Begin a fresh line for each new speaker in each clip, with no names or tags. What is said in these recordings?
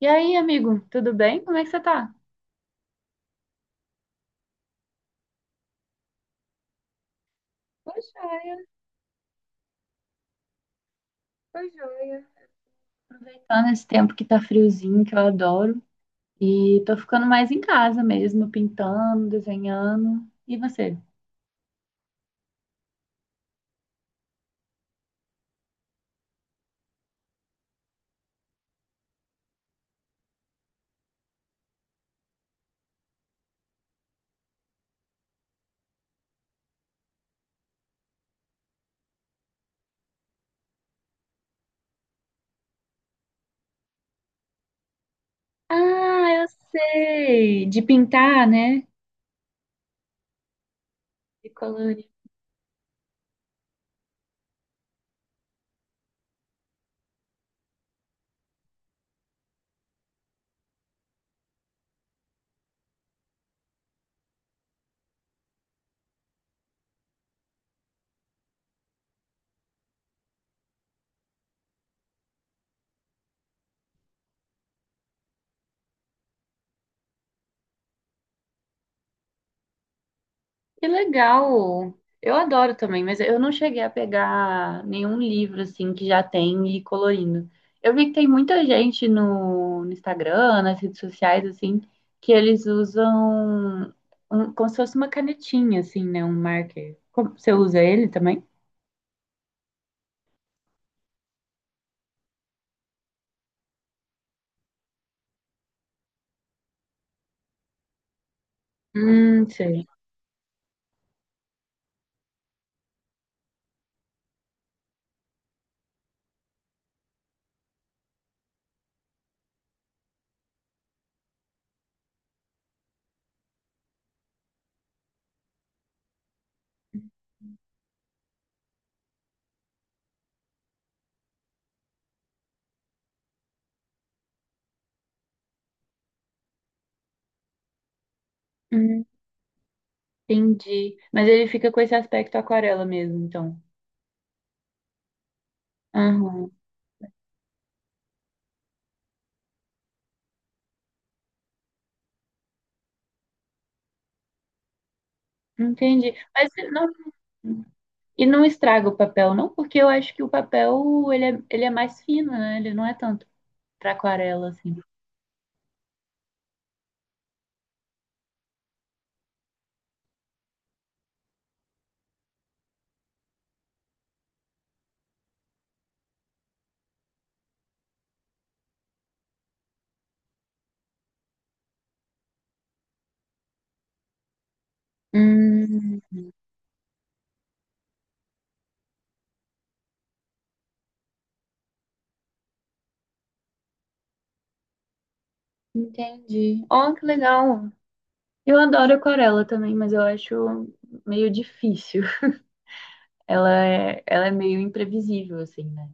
E aí, amigo, tudo bem? Como é que você tá? Poxa, foi joia. Aproveitando esse tempo que tá friozinho, que eu adoro. E tô ficando mais em casa mesmo, pintando, desenhando. E você? Ah, eu sei. De pintar, né? De colorir. Que legal! Eu adoro também, mas eu não cheguei a pegar nenhum livro assim que já tem e colorindo. Eu vi que tem muita gente no Instagram, nas redes sociais, assim, que eles usam um- como se fosse uma canetinha, assim, né? Um marker. Como- Você usa ele também? Sei. Hum, entendi. Mas ele fica com esse aspecto aquarela mesmo, então. Aham, entendi. Mas não. E não estraga o papel, não, porque eu acho que o papel ele é mais fino, né? Ele não é tanto para aquarela, assim. Hum, entendi. Oh, que legal. Eu adoro aquarela também, mas eu acho meio difícil. Ela é meio imprevisível, assim, né?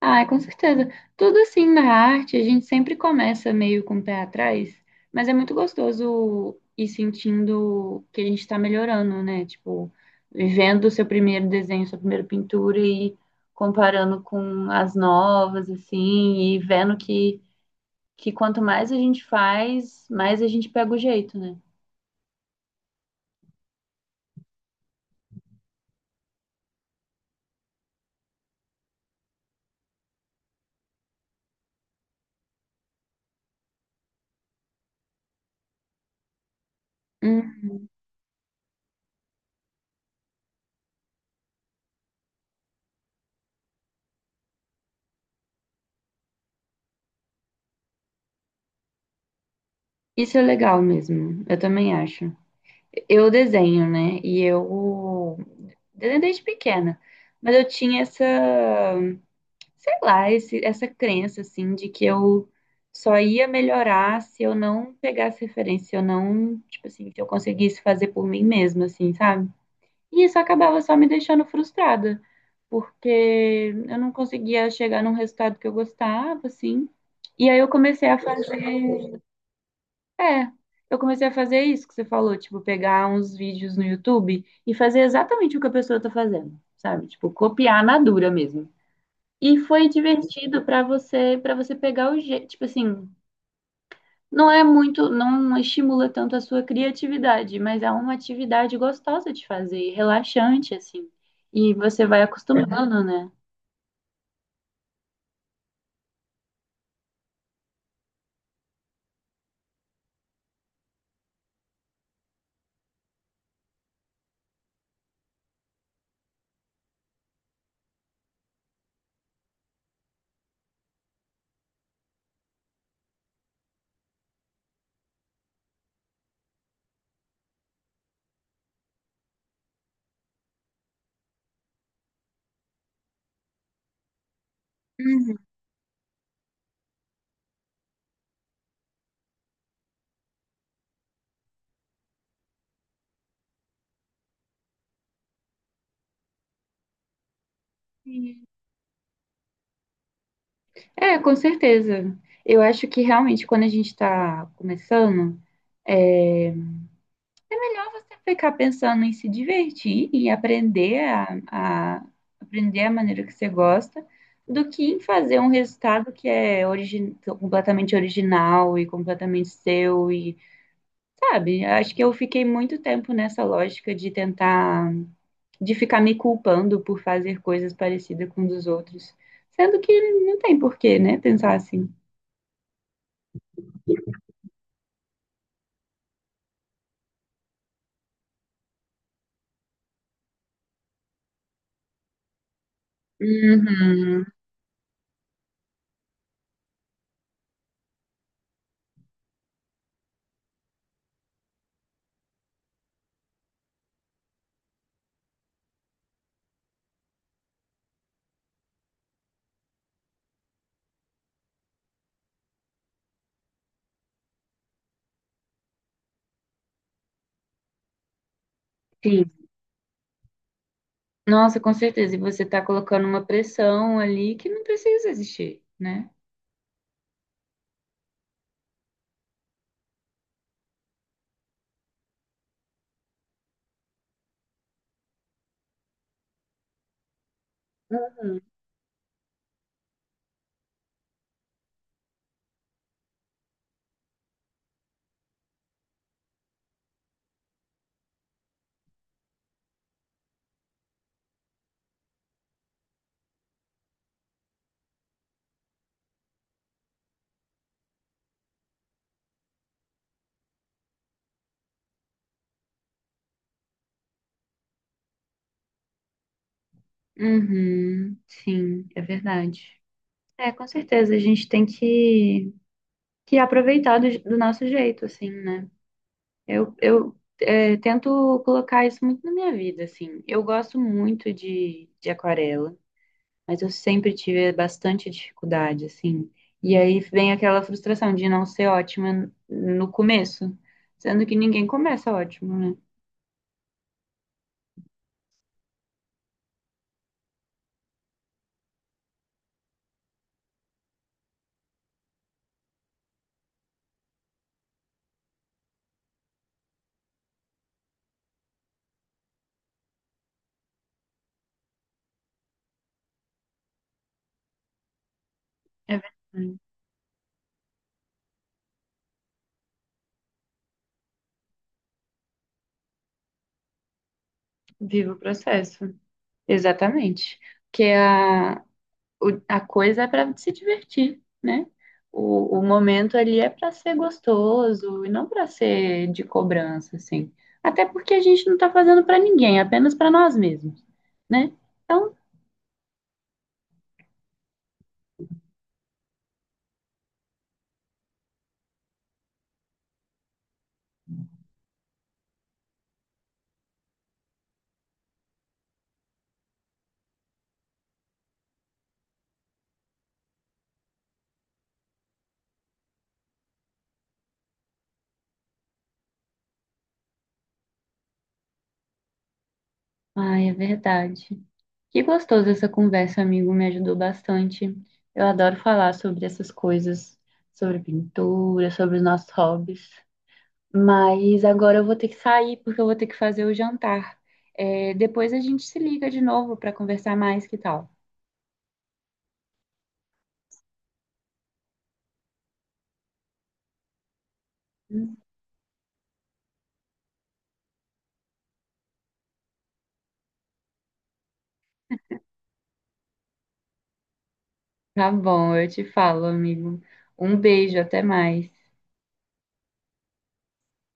Ah, com certeza. Tudo assim na arte, a gente sempre começa meio com o pé atrás, mas é muito gostoso ir sentindo que a gente está melhorando, né? Tipo, vendo o seu primeiro desenho, sua primeira pintura e comparando com as novas, assim, e vendo que quanto mais a gente faz, mais a gente pega o jeito, né? Hum, isso é legal mesmo, eu também acho. Eu desenho, né? E eu desenho desde pequena. Mas eu tinha essa, sei lá, esse- essa crença, assim, de que eu só ia melhorar se eu não pegasse referência, se eu não, tipo assim, se eu conseguisse fazer por mim mesma, assim, sabe? E isso acabava só me deixando frustrada, porque eu não conseguia chegar num resultado que eu gostava, assim. E aí eu comecei a fazer. É, eu comecei a fazer isso que você falou, tipo, pegar uns vídeos no YouTube e fazer exatamente o que a pessoa tá fazendo, sabe? Tipo, copiar na dura mesmo. E foi divertido pra você, para você pegar o jeito, tipo assim, não é muito, não estimula tanto a sua criatividade, mas é uma atividade gostosa de fazer, relaxante assim. E você vai acostumando, né? Uhum. É, com certeza. Eu acho que realmente quando a gente está começando, é melhor você ficar pensando em se divertir e aprender a- aprender a maneira que você gosta do que em fazer um resultado que é origi- completamente original e completamente seu e, sabe? Acho que eu fiquei muito tempo nessa lógica de tentar, de ficar me culpando por fazer coisas parecidas com os dos outros, sendo que não tem porquê, né? Pensar assim. Uhum. Sim. Nossa, com certeza. E você está colocando uma pressão ali que não precisa existir, né? Uhum. Uhum, sim, é verdade. É, com certeza, a gente tem que aproveitar do nosso jeito, assim, né? Eu é, tento colocar isso muito na minha vida, assim. Eu gosto muito de aquarela, mas eu sempre tive bastante dificuldade, assim. E aí vem aquela frustração de não ser ótima no começo, sendo que ninguém começa ótimo, né? É verdade. Viva o processo. Exatamente. Porque a, o- a coisa é para se divertir, né? O momento ali é para ser gostoso e não para ser de cobrança, assim. Até porque a gente não tá fazendo para ninguém, apenas para nós mesmos, né? Então, ai, é verdade. Que gostoso essa conversa, amigo, me ajudou bastante. Eu adoro falar sobre essas coisas, sobre pintura, sobre os nossos hobbies. Mas agora eu vou ter que sair porque eu vou ter que fazer o jantar. É, depois a gente se liga de novo para conversar mais, que tal? Tá bom, eu te falo, amigo. Um beijo, até mais.